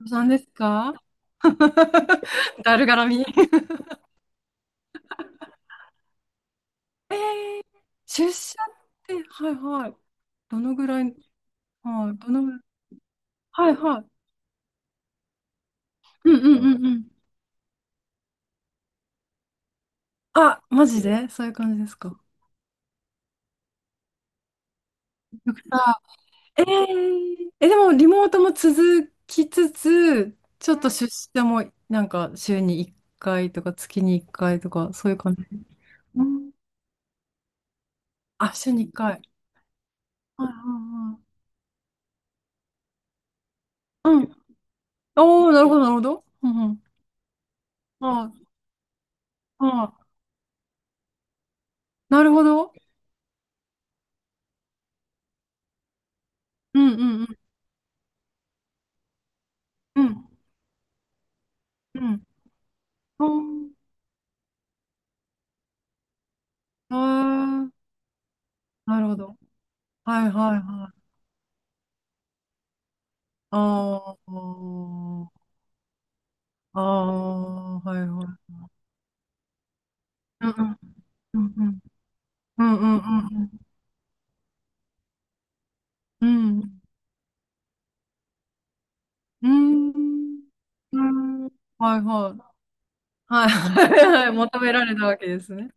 お子さんですか？ だるがらみ。えー、出社って、はいはい。どのぐらい、はい、どのぐらい、はいはい。うんうんうんうん。あ、マジでそういう感じですか？あ、え、でもリモートも続きつつ、ちょっと出社もなんか週に1回とか月に1回とか、そういう感じ。うん、あ、週に1回。はいはいはい。うん。おー、なるほど、なるほど。うんうん。ああ、ああ、なるほど。うんうんうんうんうんうん。へえ、なるほど。はいはいはい。ああ、ああ、はいはい。うんうんうんうんうんうんうんうんうんうん、はいはい。はいはいはい。求められたわけですね。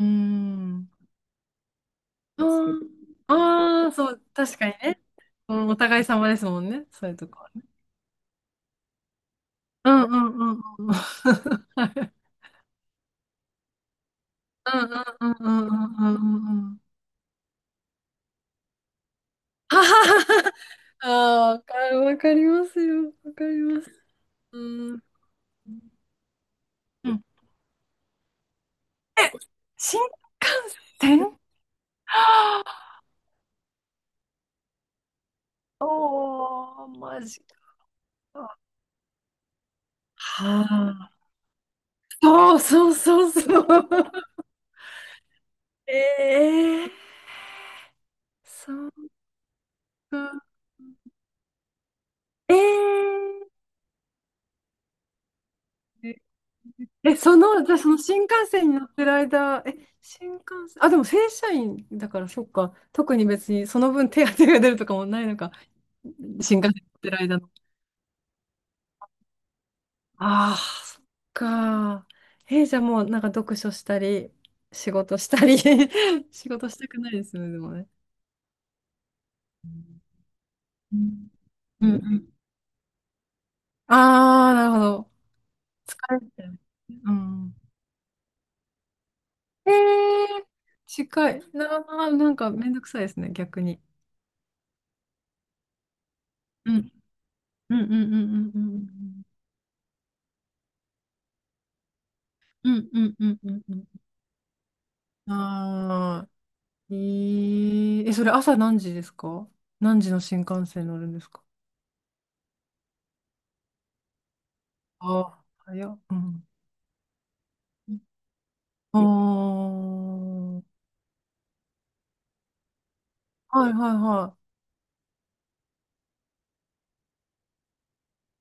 うん。ああ、そう、確かにね。お互い様ですもんね。そういうとこはね。うんうんうんうん。うんうんうんうんうんうんうんうん。はははは。ああ、わかわかりますよ。わかります。うん。うん。え、新幹線。はあ、おー、マジか。はあ。そうそうそうそう。ええ、そうか。えええ、その、じゃあその新幹線に乗ってる間、え、新幹線、あ、でも正社員だから、そっか。特に別にその分手当が出るとかもないのか。新幹線に乗ってる間の。ああ、そっか。え、じゃあもうなんか読書したり、仕事したり 仕事したくないですよね、でもね。うんうんうん。ああ、なるほど。疲れてる。うん。えー、近い。ななんかめんどくさいですね、逆に。うん。うんうんうんうんうんうん。うんうんうんうんうん。ああ、え、それ朝何時ですか？何時の新幹線乗るんですか？ああー、早っ。うん。ああ、はいはいは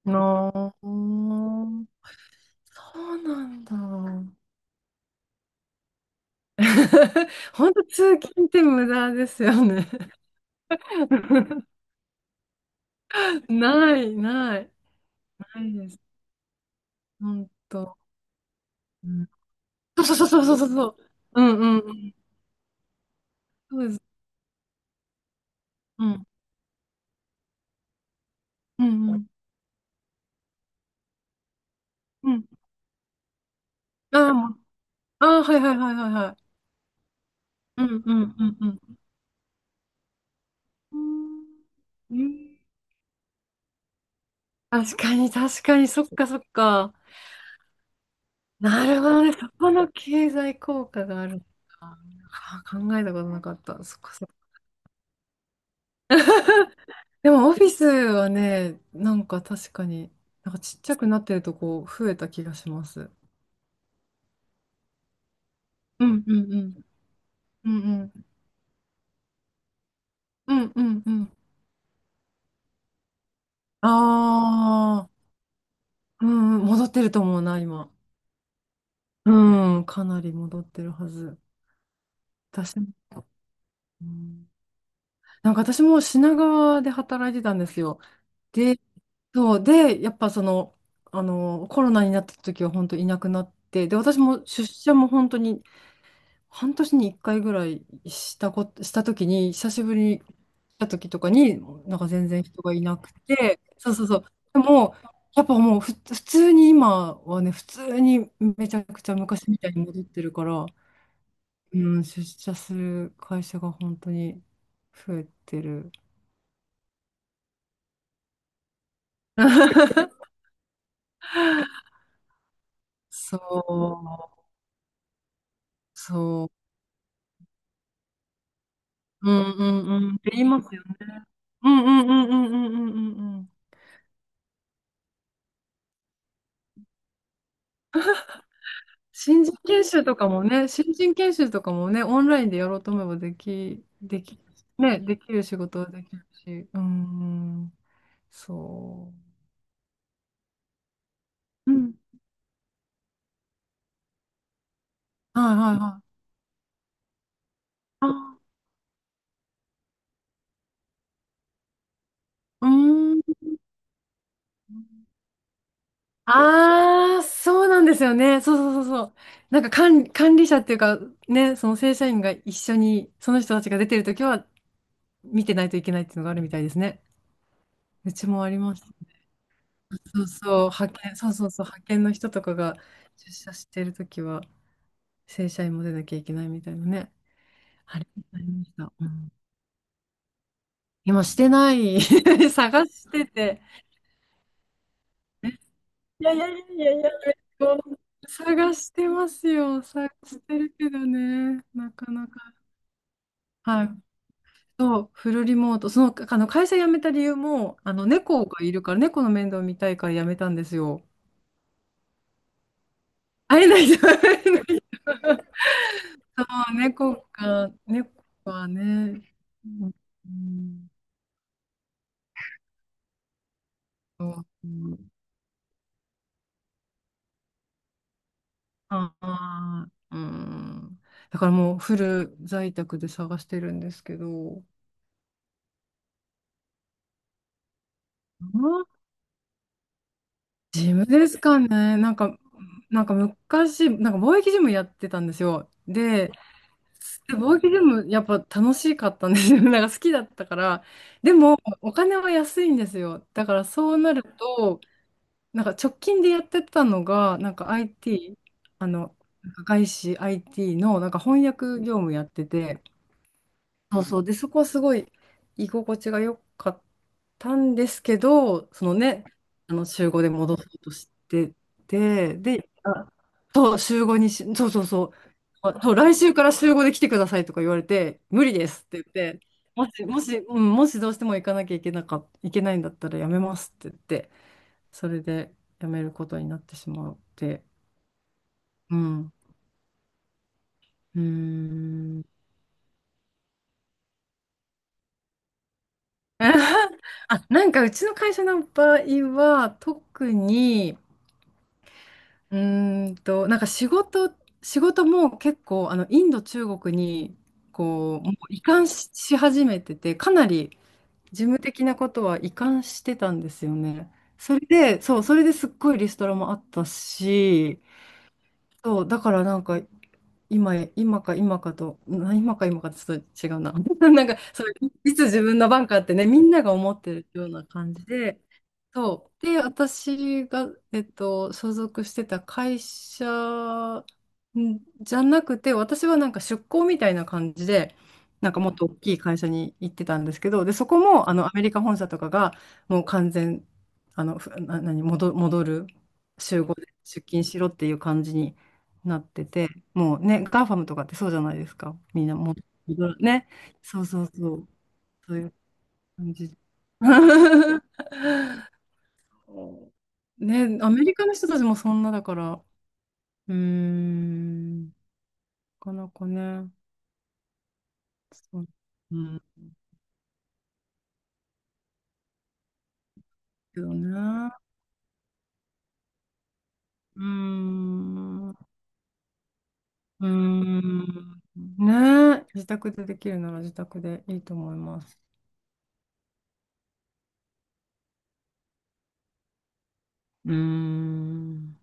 い。ああ、そうなんだ。本当通勤って無駄ですよね。ない、ない、ないです。本当。うん、そうそうそうそうそうそう。うんうんうん。そうです。うんうんうん。うん。ああ、もう、ああ、はいはいはいはいはい。うんうんうんうん。うーん、うん、確かに確かに、そっかそっか。なるほどね。そこの経済効果があるのか。はあー、考えたことなかった。そっかそっか。でもオフィスはね、なんか確かに、なんかちっちゃくなってるとこ増えた気がします。うんうんうん。うんうん。うんうんうん。ああ、うんうん、戻ってると思うな、今。うん、かなり戻ってるはず。私も。うん、なんか私も品川で働いてたんですよ。で、そう、で、やっぱその、あの、コロナになった時は本当いなくなって、で、私も出社も本当に半年に1回ぐらいしたこと、した時に、久しぶりに来た時とかに、なんか全然人がいなくて、そうそうそう。でも、やっぱもう普通に今はね、普通にめちゃくちゃ昔みたいに戻ってるから、うん、出社する会社が本当に増えてる。そう、そう、うんうんうんって言いますよね。うんうんうんうんうんうんうんうん。新人研修とかもね、新人研修とかもね、オンラインでやろうと思えばでき、でき、ね、できる仕事はできるし、うん、そう。うん。はいはいはい。あ、うん。ああ、そうなんですよね。そうそうそうそう。なんか管理者っていうか、ね、その正社員が一緒に、その人たちが出てるときは、見てないといけないっていうのがあるみたいですね。うちもあります。そうそう、派遣、そうそうそう、派遣の人とかが出社してるときは、正社員も出なきゃいけないみたいなね。ありありました。うん、今してない。探してて。いやいやいやいやいや、探してますよ。探してるけどね、なかなか。はい。そう、フルリモート。その、あの会社辞めた理由も、あの、猫がいるから、猫の面倒見たいから辞めたんですよ。会えないじゃん。ああ、猫か、猫はね。うんうん、そう、うん、ああ、うん。だからもうフル在宅で探してるんですけど、うん、ジムですかね。なんか昔、なんか貿易ジムやってたんですよ。で、貿易ジムやっぱ楽しかったんですよ。なんか好きだったから。でも、お金は安いんですよ。だからそうなると、なんか直近でやってたのが、なんか IT、あの、なんか外資 IT のなんか翻訳業務やってて、そうそう、で、そこはすごい居心地が良かったんですけど、そのね、あの週5で戻そうとしてて、で、あ、そう、週5にし、そうそうそう、あ、そう、来週から週合で来てくださいとか言われて、無理ですって言って、もし、もし、うん、もしどうしても行かなきゃいけなか、いけないんだったらやめますって言って。それで辞めることになってしまって、うん。うーん。あ、なんかうちの会社の場合は、特に、なんか仕事も結構、あの、インド、中国に、こう、もう移管し、し始めてて、かなり事務的なことは移管してたんですよね。それで、そう、それですっごいリストラもあったし、そう、だからなんか、今か今かと、今か今かとちょっと違うな。なんか、それいつ自分の番かってね、みんなが思ってるような感じで、そう。で、私が、所属してた会社んじゃなくて、私はなんか出向みたいな感じで、なんかもっと大きい会社に行ってたんですけど、で、そこも、あの、アメリカ本社とかが、もう完全、あの、ふな、何、戻、戻る、集合で出勤しろっていう感じに。なってて、もうね、ガーファムとかってそうじゃないですか。みんなもう、ね、そうそうそう、そういう感じ。ね、アメリカの人たちもそんなだから、うーん、なかなかね、そう、うん、けどね、うーん、うーん、ね、自宅でできるなら自宅でいいと思います。うーん。